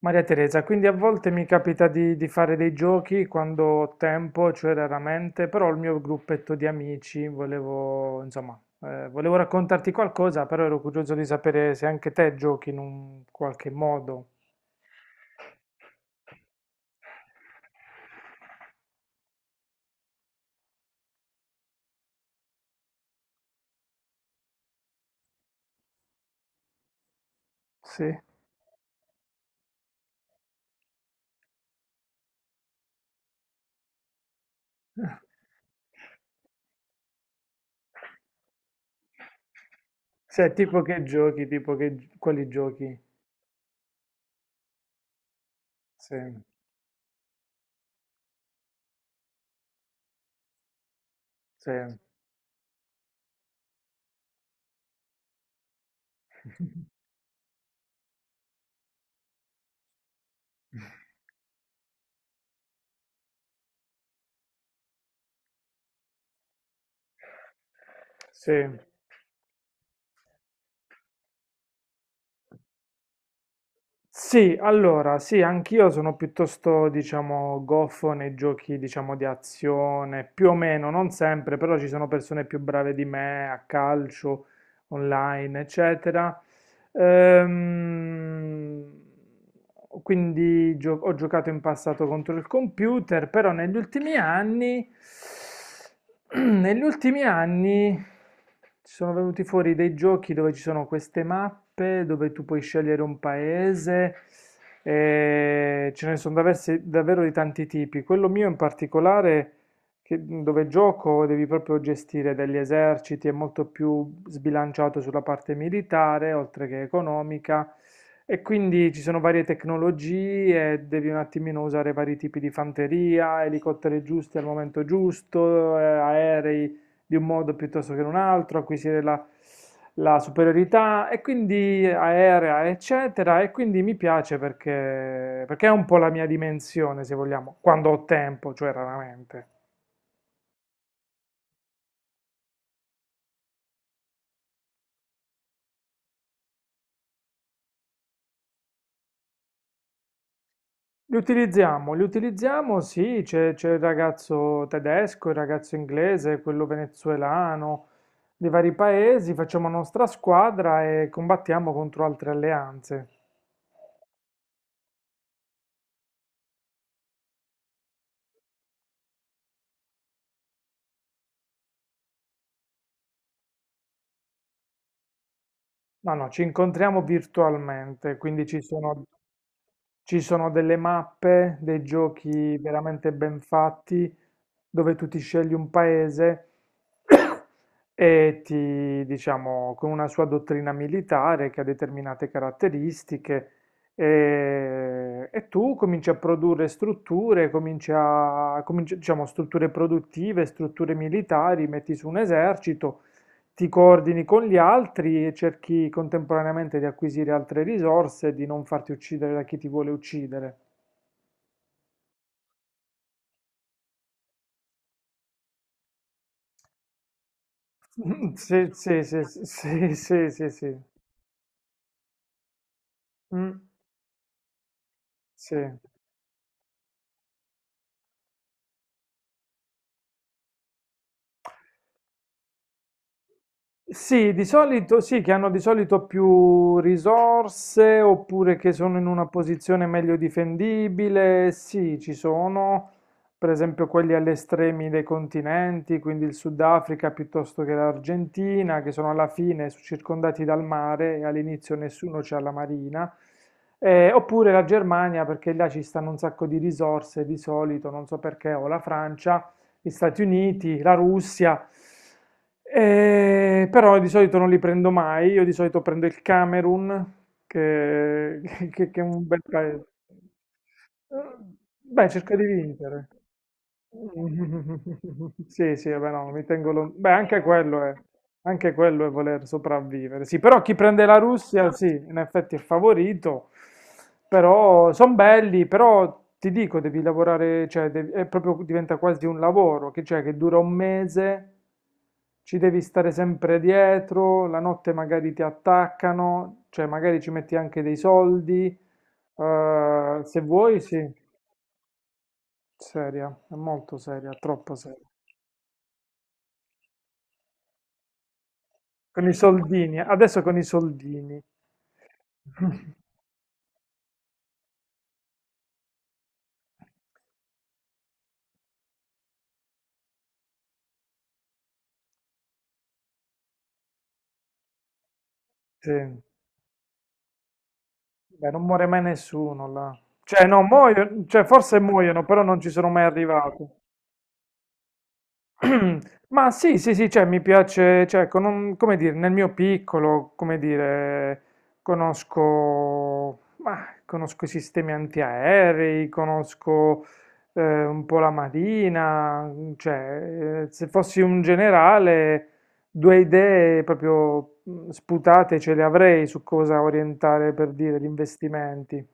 Maria Teresa, quindi a volte mi capita di fare dei giochi quando ho tempo, cioè raramente, però il mio gruppetto di amici volevo raccontarti qualcosa, però ero curioso di sapere se anche te giochi in un qualche modo. Sì. Cioè, tipo che giochi, tipo che, quali giochi? Sì, sì, sì. Sì, allora, sì, anch'io sono piuttosto, diciamo, goffo nei giochi, diciamo, di azione, più o meno, non sempre, però ci sono persone più brave di me a calcio, online, eccetera. Ehm, quindi ho giocato in passato contro il computer, però negli ultimi anni, negli ultimi anni ci sono venuti fuori dei giochi dove ci sono queste mappe, dove tu puoi scegliere un paese. E ce ne sono davvero di tanti tipi. Quello mio in particolare dove gioco devi proprio gestire degli eserciti, è molto più sbilanciato sulla parte militare, oltre che economica, e quindi ci sono varie tecnologie, devi un attimino usare vari tipi di fanteria, elicotteri giusti al momento giusto, aerei di un modo piuttosto che in un altro, acquisire la, la superiorità e quindi aerea, eccetera. E quindi mi piace perché, perché è un po' la mia dimensione, se vogliamo, quando ho tempo, cioè raramente. Li utilizziamo, sì, c'è il ragazzo tedesco, il ragazzo inglese, quello venezuelano, dei vari paesi, facciamo nostra squadra e combattiamo contro altre alleanze. No, no, ci incontriamo virtualmente, quindi ci sono delle mappe, dei giochi veramente ben fatti, dove tu ti scegli un paese e ti, diciamo, con una sua dottrina militare che ha determinate caratteristiche, e tu cominci a produrre strutture, diciamo, strutture produttive, strutture militari, metti su un esercito, ti coordini con gli altri e cerchi contemporaneamente di acquisire altre risorse e di non farti uccidere da chi ti vuole uccidere. Sì, sì, sì, sì, sì, sì, sì, sì. Mm, sì. Sì, di solito sì, che hanno di solito più risorse oppure che sono in una posizione meglio difendibile. Sì, ci sono, per esempio quelli agli estremi dei continenti, quindi il Sudafrica piuttosto che l'Argentina, che sono alla fine circondati dal mare e all'inizio nessuno c'ha la marina. Oppure la Germania, perché là ci stanno un sacco di risorse di solito, non so perché, o la Francia, gli Stati Uniti, la Russia, però di solito non li prendo mai, io di solito prendo il Camerun, che, che è un bel paese. Eh, Beh, cerca di vincere. Sì, sì, vabbè, no, beh, anche quello è voler sopravvivere. Sì, però chi prende la Russia, sì, in effetti è favorito, però sono belli, però ti dico, devi lavorare, cioè, è proprio, diventa quasi un lavoro, che, cioè, che dura un mese, ci devi stare sempre dietro, la notte magari ti attaccano, cioè, magari ci metti anche dei soldi, se vuoi, sì. Seria, è molto seria, troppo seria. Con i soldini, adesso con i soldini. Sì. Beh, non muore mai nessuno là. Cioè, no, muoiono, cioè, forse muoiono, però non ci sono mai arrivati. Ma sì, sì, sì, cioè, mi piace, cioè, come dire, nel mio piccolo, come dire, conosco i sistemi antiaerei, conosco un po' la marina, cioè, se fossi un generale, due idee proprio sputate ce le avrei su cosa orientare per dire gli investimenti.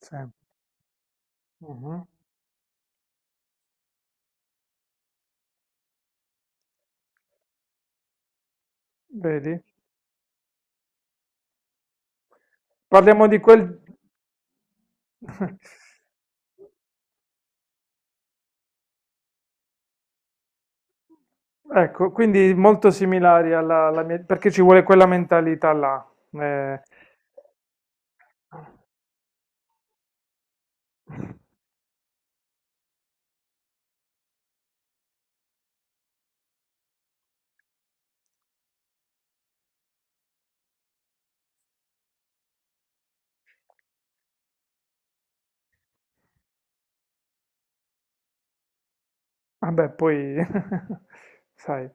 Sì. Mhm. Vedi? Parliamo di quel... Ecco, quindi molto similari alla, alla mia, perché ci vuole quella mentalità là. Eh, vabbè, poi, sai,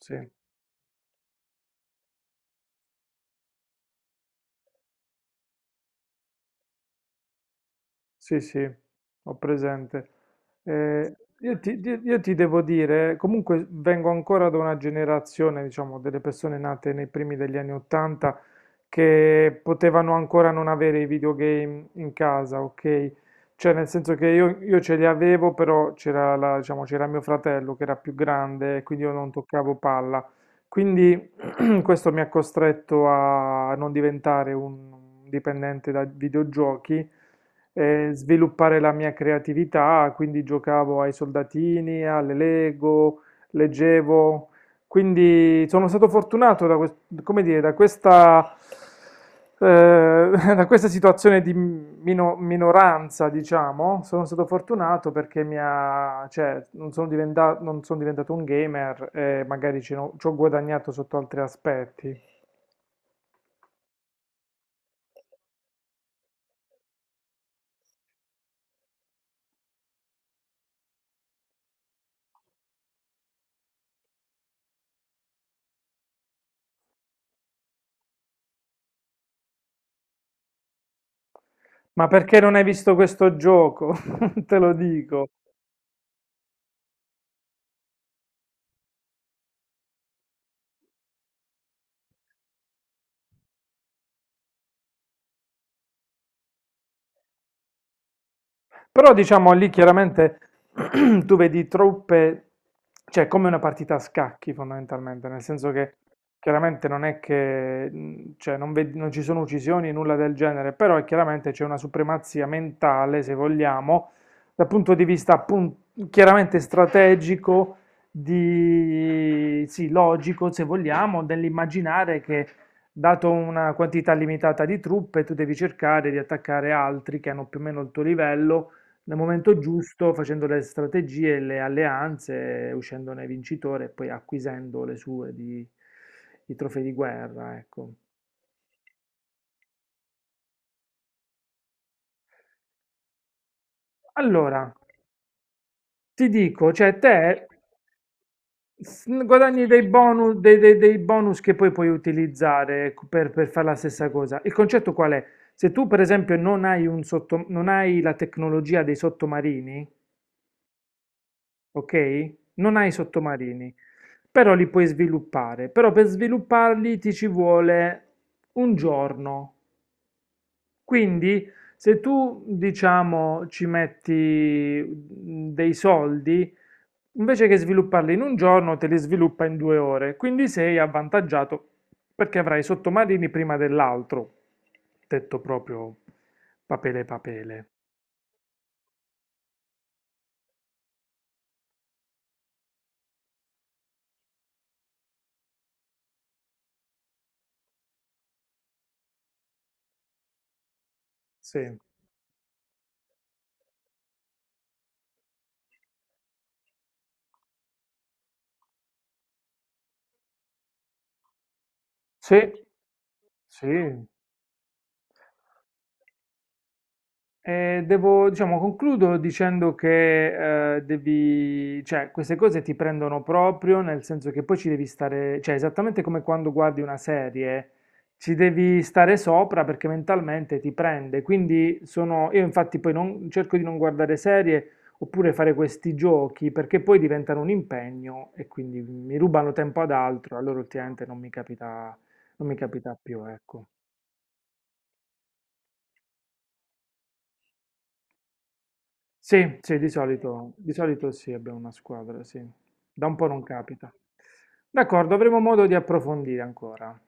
sì. Sì, sì, ho presente. Sì. Io io ti devo dire, comunque vengo ancora da una generazione, diciamo, delle persone nate nei primi degli anni 80 che potevano ancora non avere i videogame in casa, ok? Cioè, nel senso che io ce li avevo, però diciamo, c'era mio fratello che era più grande, quindi io non toccavo palla. Quindi questo mi ha costretto a non diventare un dipendente da videogiochi, sviluppare la mia creatività, quindi giocavo ai soldatini, alle Lego, leggevo, quindi sono stato fortunato da, come dire, da questa, eh, da questa situazione di minoranza, diciamo, sono stato fortunato perché mi ha, cioè, non sono diventato un gamer e magari ci ho guadagnato sotto altri aspetti. Ma perché non hai visto questo gioco? Te lo dico. Però diciamo lì chiaramente tu vedi truppe, cioè è come una partita a scacchi fondamentalmente, nel senso che chiaramente non è che cioè, non ci sono uccisioni, nulla del genere, però è chiaramente c'è una supremazia mentale, se vogliamo, dal punto di vista chiaramente strategico, di, sì, logico, se vogliamo, dell'immaginare che dato una quantità limitata di truppe, tu devi cercare di attaccare altri che hanno più o meno il tuo livello nel momento giusto, facendo le strategie e le alleanze, uscendone vincitore e poi acquisendo le sue di, i trofei di guerra, ecco. Allora, ti dico, cioè guadagni dei bonus, dei bonus che poi puoi utilizzare per fare la stessa cosa. Il concetto qual è? Se tu, per esempio, non hai la tecnologia dei sottomarini, ok? Non hai i sottomarini, però li puoi sviluppare. Però per svilupparli ti ci vuole un giorno. Quindi se tu, diciamo, ci metti dei soldi, invece che svilupparli in un giorno, te li sviluppa in 2 ore. Quindi sei avvantaggiato perché avrai i sottomarini prima dell'altro. Detto proprio papele papele. Sì. Sì, sì. Devo, diciamo, concludo dicendo che devi, cioè, queste cose ti prendono proprio, nel senso che poi ci devi stare, cioè, esattamente come quando guardi una serie, ci devi stare sopra perché mentalmente ti prende. Quindi sono, io infatti poi non, cerco di non guardare serie oppure fare questi giochi perché poi diventano un impegno e quindi mi rubano tempo ad altro, allora ultimamente non mi capita, non mi capita più, ecco. Sì, sì, di solito sì, abbiamo una squadra, sì. Da un po' non capita. D'accordo, avremo modo di approfondire ancora.